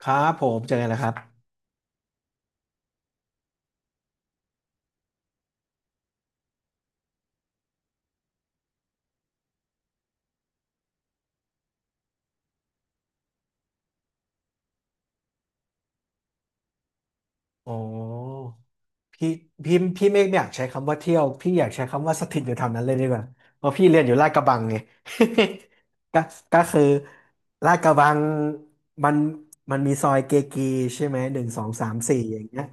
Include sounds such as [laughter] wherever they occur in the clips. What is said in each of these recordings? ครับผมเจอกันแล้วครับอ๋อ พี่พี่เมฆไม่อยากใช้คำว่าเที่ยวพี่อยากใช้คำว่าสถิตอยู่แถวนั้นเลยดีกว่าเพราะพี่เรียนอยู่ลาดกระบังไง [laughs] ก็ก็คือลาดกระบังมันมันมีซอยเกกีใช่ไหมหนึ่งสองสามสี่อย่างเงี้ย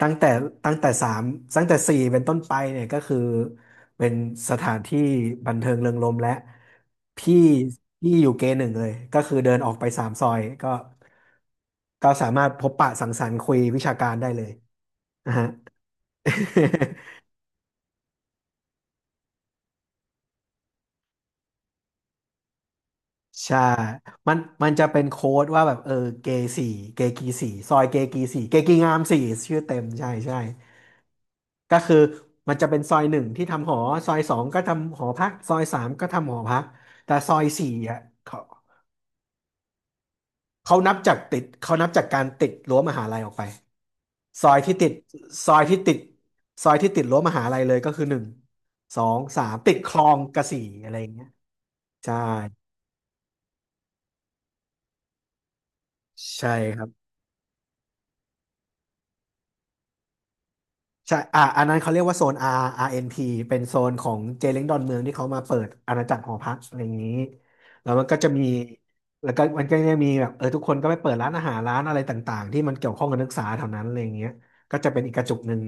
ตั้งแต่ตั้งแต่สามตั้งแต่สี่เป็นต้นไปเนี่ยก็คือเป็นสถานที่บันเทิงเริงรมย์และพี่พี่อยู่เกหนึ่งเลยก็คือเดินออกไปสามซอยก็สามารถพบปะสังสรรค์คุยวิชาการได้เลยนะฮะ [laughs] ใช่มันจะเป็นโค้ดว่าแบบเกสี่เกกีสี่ซอยเกกีสี่เกกีงามสี่ชื่อเต็มใช่ใช่ก็คือมันจะเป็นซอยหนึ่งที่ทำหอซอยสองก็ทำหอพักซอยสามก็ทำหอพักแต่ซอยสี่อ่ะเขาเขานับจากการติดรั้วมหาลัยออกไปซอยที่ติดซอยที่ติดซอยที่ติดรั้วมหาลัยเลยก็คือหนึ่งสองสามติดคลองกระสี่อะไรอย่างเงี้ยใช่ใช่ครับ ใช่อ่าอันนั้นเขาเรียกว่าโซน R RNP เอ็นพีเป็นโซนของเจเล้งดอนเมืองที่เขามาเปิดอาณาจักรหอพักอะไรอย่างนี้แล้วมันก็จะมีแล้วก็มันก็จะมีแบบทุกคนก็ไปเปิดร้านอาหารร้านอะไรต่างๆที่มันเกี่ยวข้องกับนักศึกษาแถวนั้นอะไรอย่างเงี้ย ก็จะเป็นอีกกระจุกหนึ่ง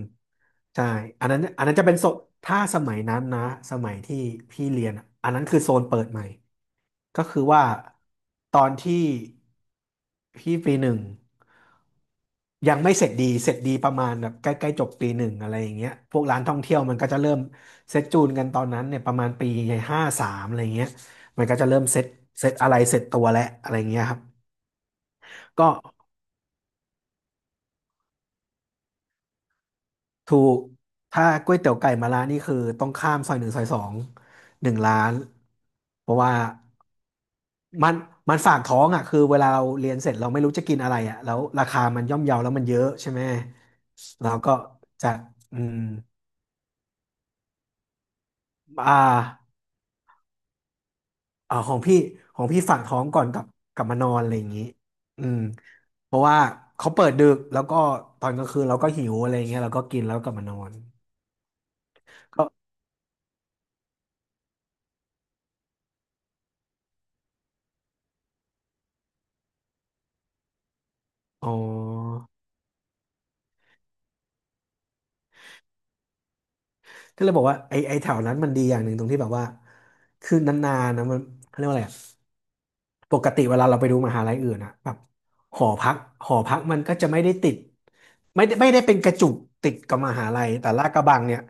ใช่อันนั้นจะเป็นโซนถ้าสมัยนั้นนะสมัยที่พี่เรียนอะอันนั้นคือโซนเปิดใหม่ก็คือว่าตอนที่พี่ปีหนึ่งยังไม่เสร็จดีเสร็จดีประมาณแบบใกล้ๆจบปีหนึ่งอะไรอย่างเงี้ยพวกร้านท่องเที่ยวมันก็จะเริ่มเซ็ตจูนกันตอนนั้นเนี่ยประมาณปีห้าสามอะไรเงี้ยมันก็จะเริ่มเซ็ตอะไรเสร็จตัวแล้วอะไรเงี้ยครับก็ ถูกถ้าก๋วยเตี๋ยวไก่มะระนี่คือต้องข้ามซอยหนึ่งซอยสองหนึ่งร้านเพราะว่ามันมันฝากท้องอ่ะคือเวลาเราเรียนเสร็จเราไม่รู้จะกินอะไรอ่ะแล้วราคามันย่อมเยาแล้วมันเยอะใช่ไหมเราก็จะอืมอ่าอ่าของพี่ของพี่ฝากท้องก่อนกลับกลับมานอนอะไรอย่างนี้อืมเพราะว่าเขาเปิดดึกแล้วก็ตอนกลางคืนเราก็หิวอะไรอย่างเงี้ยเราก็กินแล้วกลับมานอนก็อ๋อ ก็เลยบอกว่าไอ้แถวนั้นมันดีอย่างหนึ่งตรงที่แบบว่าคือนานๆนะมันเขาเรียกว่าอะไรอะ ปกติเวลาเราไปดูมหาลัยอื่นอะแบบหอพักหอพักมันก็จะไม่ได้ติดไม่ได้เป็นกระจุกติดกับมหาลัยแต่ลาดกระบังเนี่ย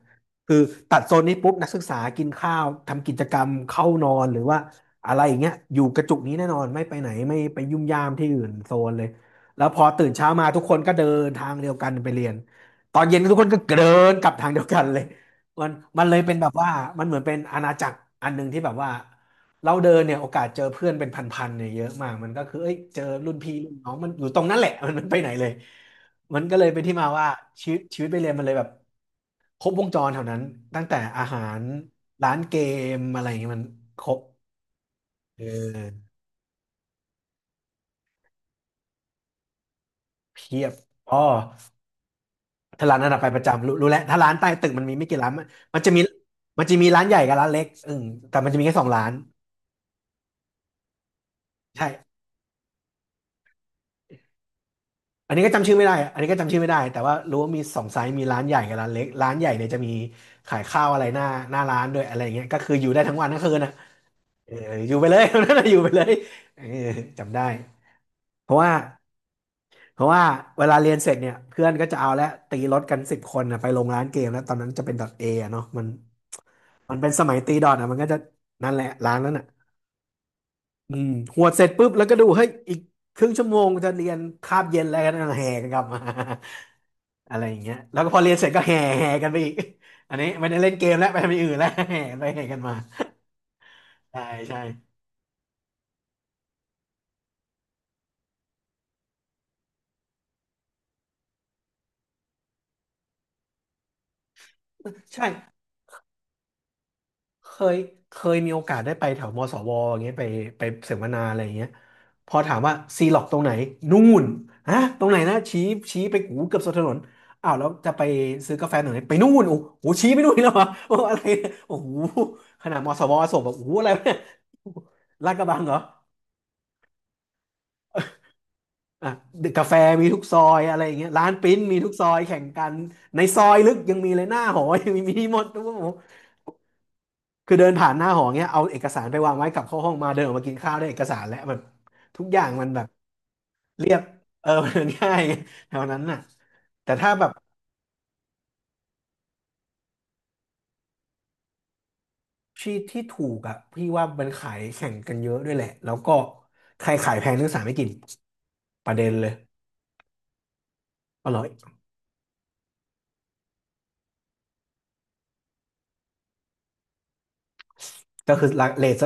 คือตัดโซนนี้ปุ๊บนักศึกษากินข้าวทำกิจกรรมเข้านอนหรือว่าอะไรอย่างเงี้ยอยู่กระจุกนี้แน่นอนไม่ไปไหนไม่ไปยุ่มย่ามที่อื่นโซนเลยแล้วพอตื่นเช้ามาทุกคนก็เดินทางเดียวกันไปเรียนตอนเย็นทุกคนก็เดินกลับทางเดียวกันเลยมันมันเลยเป็นแบบว่ามันเหมือนเป็นอาณาจักรอันหนึ่งที่แบบว่า เราเดินเนี่ยโอกาสเจอเพื่อนเป็นพันๆเนี่ยเยอะมากมันก็คือเอ้ยเจอรุ่นพี่รุ่นน้องมันอยู่ตรงนั้นแหละ [laughs] มันไม่ไปไหนเลยมันก็เลยเป็นที่มาว่าชีวิตไปเรียนมันเลยแบบครบวงจรแถวนั้นตั้งแต่อาหารร้านเกมอะไรอย่างเงี้ยมันครบเออเพียบอ๋อถ้าร้านระ้ัไปประจำรู้แล้วถ้าร้านใต้ตึกมันมีไม่กี่ร้านมันมันจะมีมันจะมีร้านใหญ่กับร้านเล็กอืมแต่มันจะมีแค่สองร้านใช่ อันนี้ก็จำชื่อไม่ได้อะอันนี้ก็จำชื่อไม่ได้ แต่ว่ารู้ว่ามีสองไซส์มีร้านใหญ่กับร้านเล็กร้านใหญ่เนี่ยจะมีขายข้าวอะไรหน้าร้านด้วยอะไรอย่างเงี้ยก็คืออยู่ได้ทั้งวันทั้งคืนอ่ะเอออยู่ไปเลย [laughs] นั่นน่ะอยู่ไปเลยเออจำได้เพราะว่าเพราะว่าเวลาเรียนเสร็จเนี่ยเพื่อนก็จะเอาแล้วตีรถกันสิบคนนะไปลงร้านเกมแล้วตอนนั้นจะเป็นดอทเอะเนาะมันเป็นสมัยตีดอทอ่ะมันก็จะนั่นแหละร้านนั้นอ่ะอืมหวดเสร็จปุ๊บแล้วก็ดูเฮ้ยอีกครึ่งชั่วโมงจะเรียนคาบเย็นแล้วกันแห่กันกลับมา อะไรอย่างเงี้ยแล้วก็พอเรียนเสร็จก็แห่กันไปอีก [laughs] อันนี้ไม่ได้เล่นเกมแล้วไปทำอย่างอื่นแล้ว [laughs] แห่กันไปแห่กันมาใช่ใช่ใช่เคยเคยมีโอกาสได้ไปแถวมศวอย่างเงี้ยไปไปเสวนาอะไรอย่างเงี้ยพอถามว่าซีล็อกตรงไหนนู่นฮะตรงไหนนะชี้ชี้ไปกูเกือบสุดถนนอ้าวแล้วจะไปซื้อกาแฟหน่อยไปนู่นโอ้โหชี้ไปนู่นอีกแล้วเหรอโอ้ [laughs] อะไรเนี่ยโอ้โหขนาดมศวส่งแบบโอ้โหอะไรเนี่ยลาดกระบังเหรอ อ่ะกาแฟมีทุกซอยอะไรอย่างเงี้ยร้านปริ้นมีทุกซอยแข่งกันในซอยลึกยังมีเลยหน้าหอยังมีมีหมดทุกหมคือเดินผ่านหน้าหอเงี้ยเอาเอกสารไปวางไว้กลับเข้าห้องมาเดินออกมากินข้าวได้เอกสารแล้วแบบทุกอย่างมันแบบเรียบเออมันง่ายแถวนั้นน่ะแต่ถ้าแบบที่ที่ถูกอ่ะพี่ว่ามันขายแข่งกันเยอะด้วยแหละแล้วก็ใครขายแพงนักศึกษาไม่กินประเด็นเลยอร่อยก็คือราคาเรทส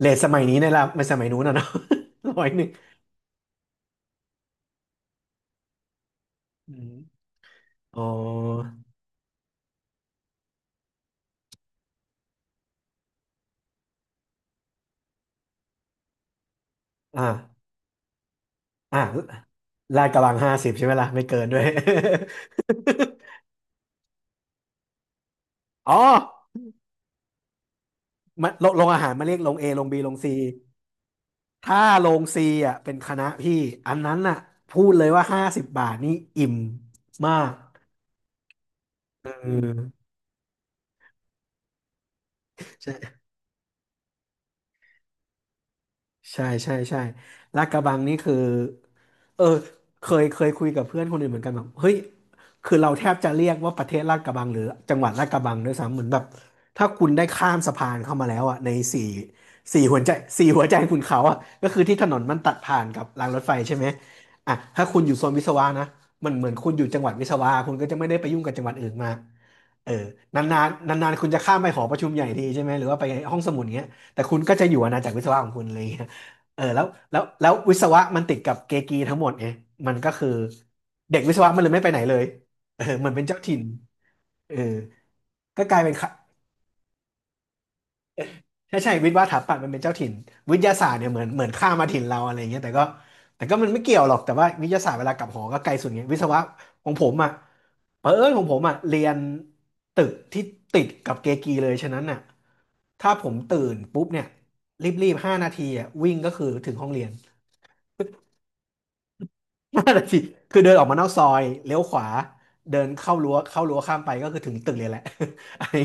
เรทมัยนี้ในราคาไม่สมัยนู้นนะเนาะ [laughs] ร้อยหนึ่งอมอ๋อ อ่าอ่าลาดกระบังห้าสิบใช่ไหมล่ะไม่เกินด้วย [laughs] อ๋อมันโรโรงอาหารมาเรียกโรงเอโรงบีโรงซีถ้าโรงซีอ่ะเป็นคณะพี่อันนั้นน่ะพูดเลยว่าห้าสิบบาทนี่อิ่มมากเออ [laughs] ใช่ ใช่ลาดกระบังนี่คือเออเคยคุยกับเพื่อนคนอื่นเหมือนกันแบบเฮ้ยคือเราแทบจะเรียกว่าประเทศลาดกระบังหรือจังหวัดลาดกระบังด้วยซ้ำเหมือนแบบถ้าคุณได้ข้ามสะพานเข้ามาแล้วอ่ะในสี่สี่หัวใจสี่หัวใจคุณเขาอ่ะก็คือที่ถนนมันตัดผ่านกับรางรถไฟใช่ไหมอ่ะถ้าคุณอยู่โซนวิศวะนะมันเหมือนคุณอยู่จังหวัดวิศวะคุณก็จะไม่ได้ไปยุ่งกับจังหวัดอื่นมาเออนานๆนานๆคุณจะข้ามไปหอประชุมใหญ่ทีใช่ไหมหรือว่าไปห้องสมุดเงี้ยแต่คุณก็จะอยู่อาณาจักรวิศวะของคุณเลย เออแล้ววิศวะมันติดกับเกกีทั้งหมดไงมันก็คือเด็กวิศวะมันเลยไม่ไปไหนเลยเออมันเป็นเจ้าถิ่นเออก็กลายเป็นค่ะใช่วิศวะสถาปัตย์มันเป็นเจ้าถิ่นวิทยาศาสตร์เนี่ยเหมือนข้ามมาถิ่นเราอะไรอย่างเงี้ยแต่ก็แต่ก็มันไม่เกี่ยวหรอกแต่ว่าวิทยาศาสตร์เวลากลับหอก็ไกลสุดไงวิศวะของผมอ่ะเผอิญของผมอ่ะเรียนตึกที่ติดกับเกกีเลยฉะนั้นน่ะถ้าผมตื่นปุ๊บเนี่ยรีบๆห้านาทีอ่ะวิ่งก็คือถึงห้องเรียน ห้านาทีคือเดินออกมานอกซอยเลี้ยวขวาเดินเข้ารั้วเข้ารั้วข้ามไปก็คือถึงตึกเลยแหละ [laughs] อันนี้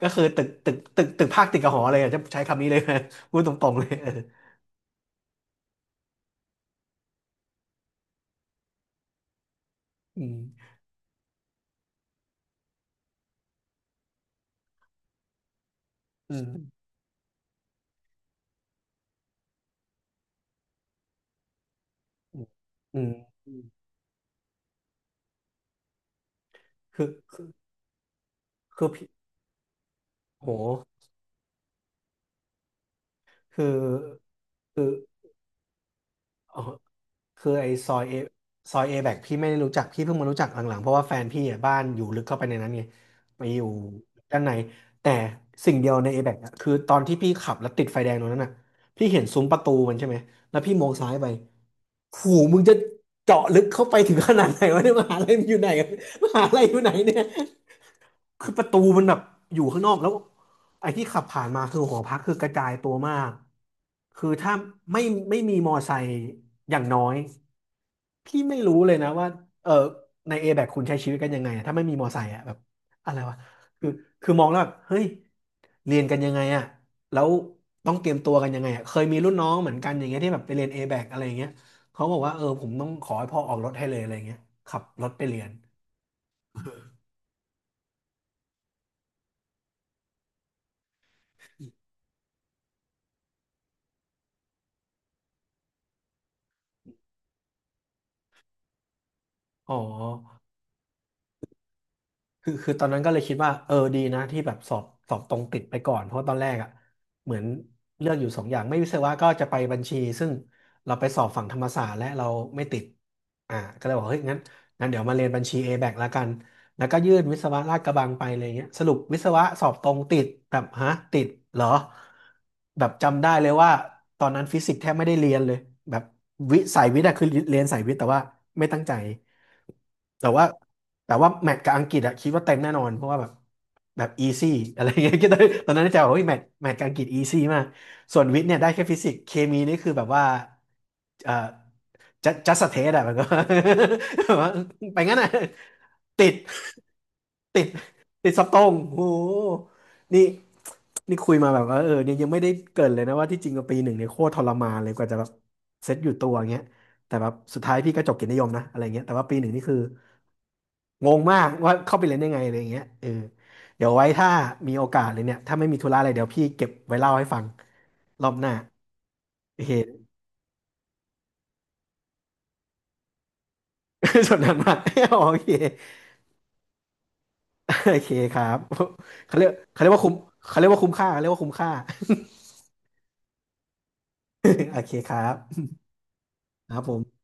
ก็คือตึกภาคติดกับหอเลยอะจะใช้คำนี้เลย [laughs] พูดตรงๆเลยเอออืมอืมอืมอืมคือคือพี่โหคือคืออ๋อ คือไอ้ซอยเอซอยเอแบกพี่ไม่ได้รู้จักพี่เพิ่งมารู้จักหลังๆเพราะว่าแฟนพี่อ่ะบ้านอยู่ลึกเข้าไปในนั้นไงไปอยู่ด้านในแต่สิ่งเดียวในเอแบกคือตอนที่พี่ขับแล้วติดไฟแดงตรงนั้นน่ะพี่เห็นซุ้มประตูมันใช่ไหมแล้วพี่มองซ้ายไปหูมึงจะเจาะลึกเข้าไปถึงขนาดไหนวะเนี่ยมหาลัยมันอยู่ไหนอะมหาลัยอยู่ไหนเนี่ย คือประตูมันแบบอยู่ข้างนอกแล้วไอ้ที่ขับผ่านมาคือหอพักคือกระจายตัวมากคือถ้าไม่ไม่มีมอไซค์อย่างน้อยพี่ไม่รู้เลยนะว่าเออในเอแบคุณใช้ชีวิตกันยังไงอะถ้าไม่มีมอไซค์อะแบบอะไรวะคือคือมองแล้วแบบเฮ้ยเรียนกันยังไงอะแล้วต้องเตรียมตัวกันยังไงอะเคยมีรุ่นน้องเหมือนกันอย่างเงี้ยที่แบบไปเรียนเอแบอะไรอย่างเงี้ยเขาบอกว่าเออผมต้องขอให้พ่อออกรถให้เลยอะไรอย่างเงี้ยขับรถไปเรียนอ๋อ คือตอนนั้นก็เลยคิดว่าเออดีนะที่แบบสอบตรงติดไปก่อนเพราะตอนแรกอ่ะเหมือนเลือกอยู่สองอย่างไม่วิศวะก็จะไปบัญชีซึ่งเราไปสอบฝั่งธรรมศาสตร์และเราไม่ติดอ่าก็เลยบอกเฮ้ยงั้นเดี๋ยวมาเรียนบัญชี A-BAC ละกันแล้วก็ยื่นวิศวะลาดกระบังไปอะไรเงี้ยสรุปวิศวะสอบตรงติดแบบฮะติดเหรอแบบจำได้เลยว่าตอนนั้นฟิสิกส์แทบไม่ได้เรียนเลยแบบวิสายวิทย์อะคือเรียนสายวิทย์แต่ว่าไม่ตั้งใจ แต่ว่าแต่ว่าแมตช์กับอังกฤษอะคิดว่าเต็มแน่นอนเพราะว่าแบบแบบอีซี่อะไรอย่างเงี้ย [laughs] คิดได้ตอนนั้นจะบอกว่าแมตช์กับอังกฤษอีซี่มากส่วนวิทย์เนี่ยได้แค่ฟิสิกส์เคมีนี่คือแบบว่าเอ่อจัจัสเทสอะแบบว่า [laughs] แบบว่าไปงั้นอะติดติดติดสตองโหนี่นี่คุยมาแบบว่าเออเนี่ยยังไม่ได้เกรินเลยนะว่าที่จริงกับปีหนึ่งเนี่ยโคตรทรมานเลยกว่าจะแบบเซตอยู่ตัวเงี้ยแต่แบบสุดท้ายพี่ก็จบเกียรตินิยมนะอะไรเงี้ยแต่ว่าปีหนึ่งนี่คือ งงมากว่าเข้าไปเรียนได้ไงอะไรอย่างเงี้ยเออเดี๋ยวไว้ถ้ามีโอกาสเลยเนี่ยถ้าไม่มีธุระอะไรเดี๋ยวพี่เก็บไว้เล่าให้ฟังรอบหน้าโอเค [laughs] สนทนามาก [laughs] โอเคโอเคครับเขาเรียกว่าคุ้มเขาเรียกว่าคุ้มค่าเขาเรียกว่าคุ้มค่า [laughs] โอเคครับครับผม